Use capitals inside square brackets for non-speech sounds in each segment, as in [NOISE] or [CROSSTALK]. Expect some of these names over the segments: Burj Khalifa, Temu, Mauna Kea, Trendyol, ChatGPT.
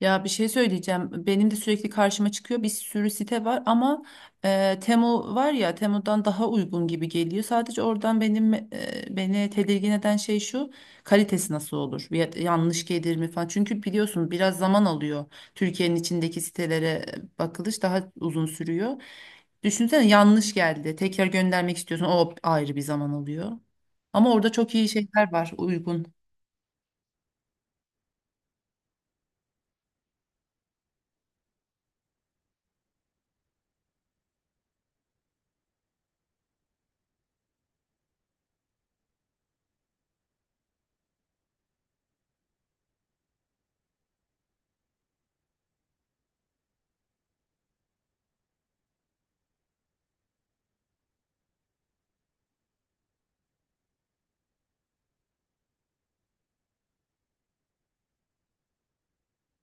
Ya bir şey söyleyeceğim. Benim de sürekli karşıma çıkıyor, bir sürü site var ama Temu var ya, Temu'dan daha uygun gibi geliyor. Sadece oradan. Beni tedirgin eden şey şu: kalitesi nasıl olur? Yanlış gelir mi falan. Çünkü biliyorsun biraz zaman alıyor. Türkiye'nin içindeki sitelere bakılış daha uzun sürüyor. Düşünsene, yanlış geldi. Tekrar göndermek istiyorsun. O ayrı bir zaman alıyor. Ama orada çok iyi şeyler var, uygun.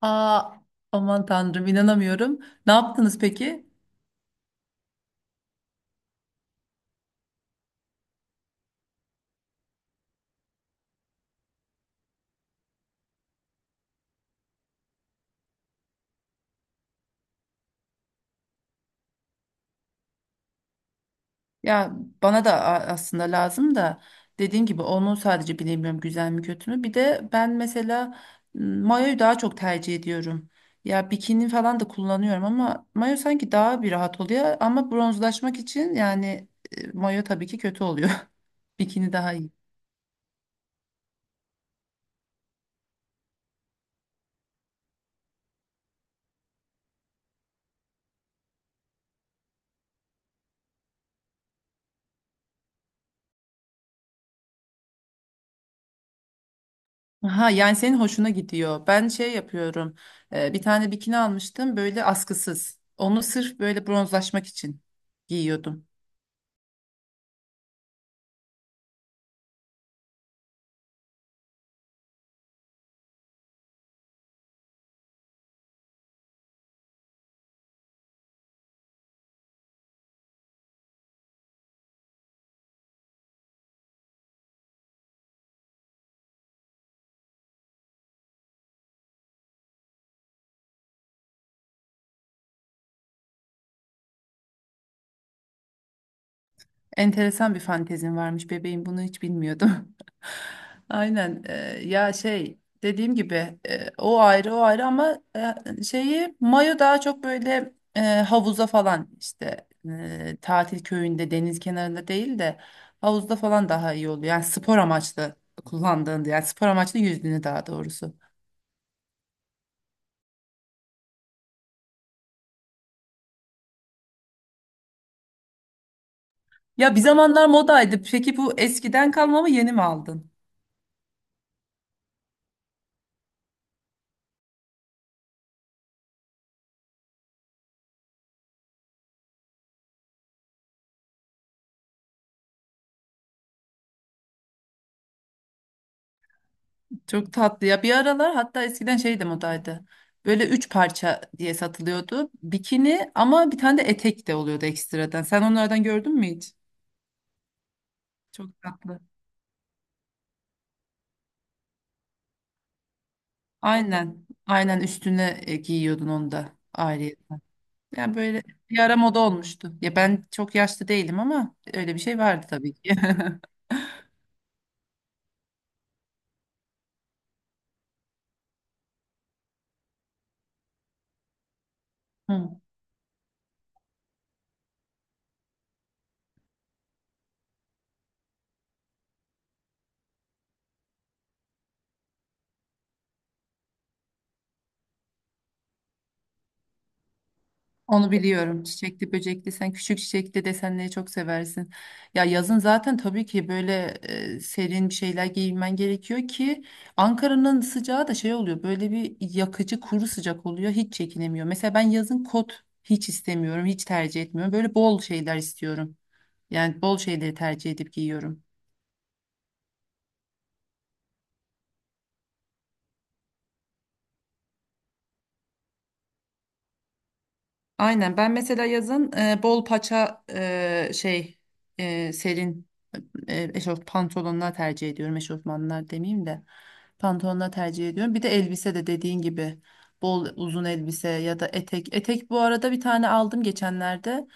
Aa, aman tanrım, inanamıyorum. Ne yaptınız peki? Ya bana da aslında lazım da, dediğim gibi onu sadece bilemiyorum, güzel mi kötü mü. Bir de ben mesela mayoyu daha çok tercih ediyorum. Ya bikini falan da kullanıyorum ama mayo sanki daha bir rahat oluyor. Ama bronzlaşmak için yani mayo tabii ki kötü oluyor. [LAUGHS] Bikini daha iyi. Aha, yani senin hoşuna gidiyor. Ben şey yapıyorum. Bir tane bikini almıştım böyle askısız. Onu sırf böyle bronzlaşmak için giyiyordum. Enteresan bir fantezin varmış bebeğim, bunu hiç bilmiyordum. [LAUGHS] Aynen. Ya şey, dediğim gibi o ayrı o ayrı ama şeyi, mayo daha çok böyle havuza falan işte, tatil köyünde deniz kenarında değil de havuzda falan daha iyi oluyor. Yani spor amaçlı kullandığında, yani spor amaçlı yüzdüğünü daha doğrusu. Ya bir zamanlar modaydı, peki bu eskiden kalma mı, yeni mi aldın? Çok tatlı ya. Bir aralar hatta eskiden şeydi, modaydı. Böyle üç parça diye satılıyordu. Bikini ama bir tane de etek de oluyordu ekstradan. Sen onlardan gördün mü hiç? Çok tatlı. Aynen. Aynen üstüne giyiyordun onu da ayrı. Yani böyle bir ara moda olmuştu. Ya ben çok yaşlı değilim ama öyle bir şey vardı tabii ki. [LAUGHS] Hı. Onu biliyorum. Çiçekli, böcekli. Sen küçük çiçekli desenleri çok seversin. Ya yazın zaten tabii ki böyle serin bir şeyler giymen gerekiyor ki Ankara'nın sıcağı da şey oluyor. Böyle bir yakıcı kuru sıcak oluyor. Hiç çekinemiyor. Mesela ben yazın kot hiç istemiyorum. Hiç tercih etmiyorum. Böyle bol şeyler istiyorum. Yani bol şeyleri tercih edip giyiyorum. Aynen, ben mesela yazın bol paça şey serin eşof pantolonlar tercih ediyorum. Eşofmanlar demeyeyim de pantolonlar tercih ediyorum. Bir de elbise de dediğin gibi bol uzun elbise ya da etek. Etek bu arada bir tane aldım geçenlerde.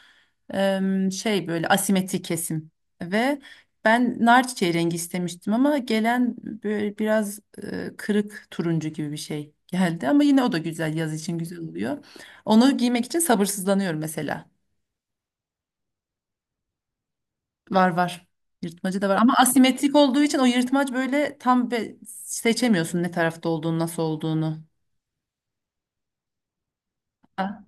Şey, böyle asimetrik kesim ve ben nar çiçeği rengi istemiştim ama gelen böyle biraz kırık turuncu gibi bir şey geldi ama yine o da güzel, yaz için güzel oluyor. Onu giymek için sabırsızlanıyorum mesela. Var var. Yırtmacı da var ama asimetrik olduğu için o yırtmaç böyle tam seçemiyorsun ne tarafta olduğunu, nasıl olduğunu. Ha.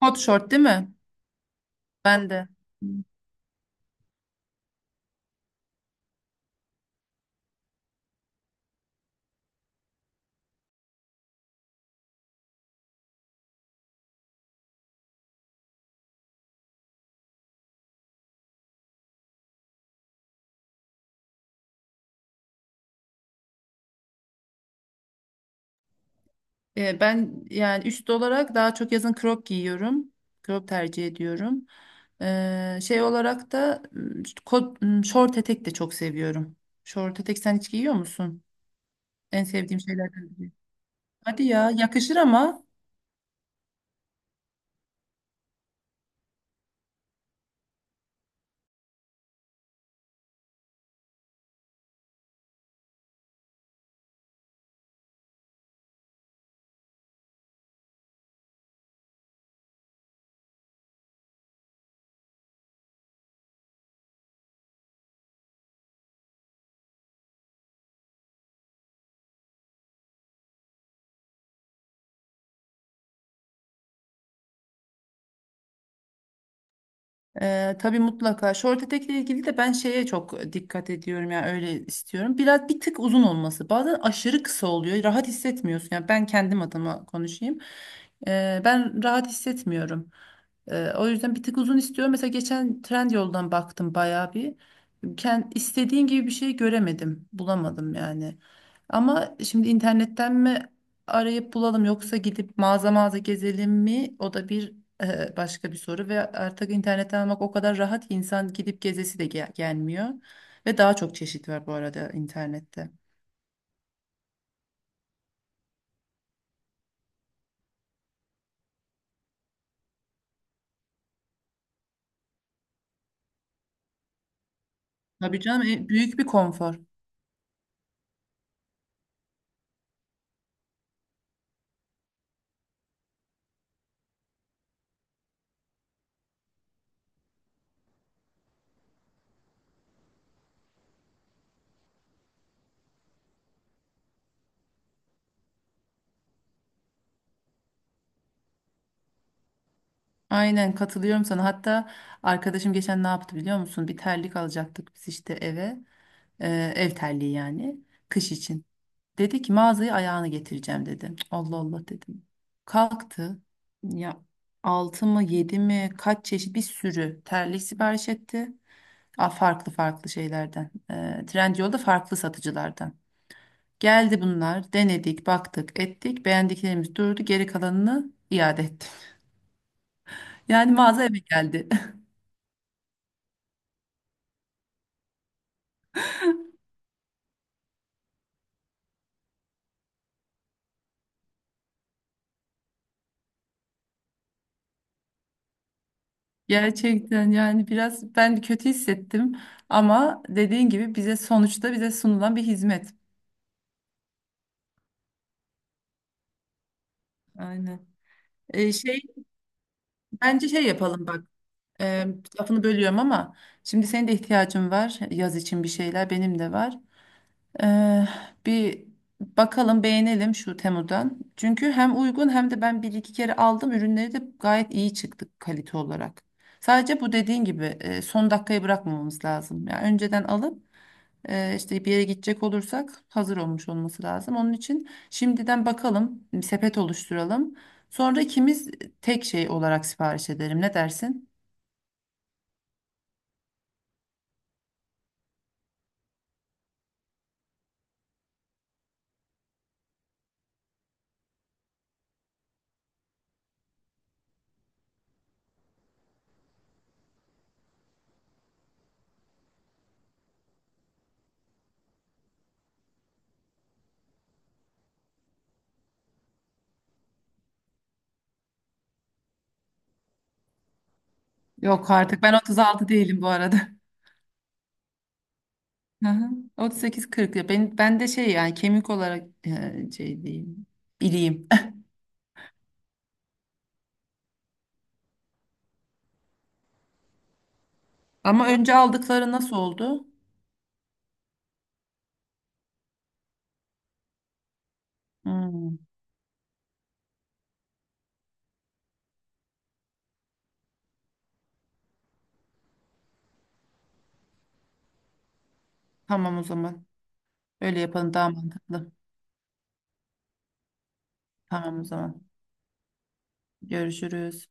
Hot short değil mi? Ben de. Ben yani üst olarak daha çok yazın crop giyiyorum. Crop tercih ediyorum. Şey olarak da kot, şort etek de çok seviyorum. Şort etek sen hiç giyiyor musun? En sevdiğim şeylerden biri. Hadi ya, yakışır ama. Tabii, mutlaka. Short etekle ilgili de ben şeye çok dikkat ediyorum, yani öyle istiyorum. Biraz bir tık uzun olması. Bazen aşırı kısa oluyor. Rahat hissetmiyorsun. Yani ben kendim adıma konuşayım. Ben rahat hissetmiyorum. O yüzden bir tık uzun istiyorum. Mesela geçen Trendyol'dan baktım bayağı bir. İstediğim gibi bir şey göremedim. Bulamadım yani. Ama şimdi internetten mi arayıp bulalım, yoksa gidip mağaza mağaza gezelim mi? O da bir başka bir soru ve artık internetten almak o kadar rahat ki insan gidip gezesi de gelmiyor. Ve daha çok çeşit var bu arada internette. Tabii canım, büyük bir konfor. Aynen, katılıyorum sana. Hatta arkadaşım geçen ne yaptı biliyor musun? Bir terlik alacaktık biz işte eve. Ev terliği yani. Kış için. Dedi ki mağazaya ayağını getireceğim dedi. Allah Allah dedim. Kalktı. Ya 6 mı 7 mi kaç çeşit bir sürü terlik sipariş etti. A, farklı farklı şeylerden. E, Trendyol'da farklı satıcılardan. Geldi bunlar, denedik, baktık, ettik. Beğendiklerimiz durdu, geri kalanını iade ettim. [LAUGHS] Yani mağaza eve geldi. [LAUGHS] Gerçekten yani biraz ben kötü hissettim ama dediğin gibi bize, sonuçta bize sunulan bir hizmet. Aynen. E, şey Bence şey yapalım bak. E, Lafını bölüyorum ama şimdi senin de ihtiyacın var yaz için bir şeyler, benim de var. Eee, bir bakalım, beğenelim şu Temu'dan. Çünkü hem uygun hem de ben bir iki kere aldım. Ürünleri de gayet iyi çıktı kalite olarak. Sadece bu, dediğin gibi, son dakikayı bırakmamamız lazım. Yani önceden alıp işte bir yere gidecek olursak hazır olmuş olması lazım. Onun için şimdiden bakalım, sepet oluşturalım. Sonra ikimiz tek şey olarak sipariş edelim. Ne dersin? Yok artık, ben 36 değilim bu arada. Hı hı. 38-40 ya ben, ben de şey, yani kemik olarak şey diyeyim bileyim. [LAUGHS] Ama önce aldıkları nasıl oldu? Hmm. Tamam o zaman. Öyle yapalım, daha mantıklı. Tamam o zaman. Görüşürüz.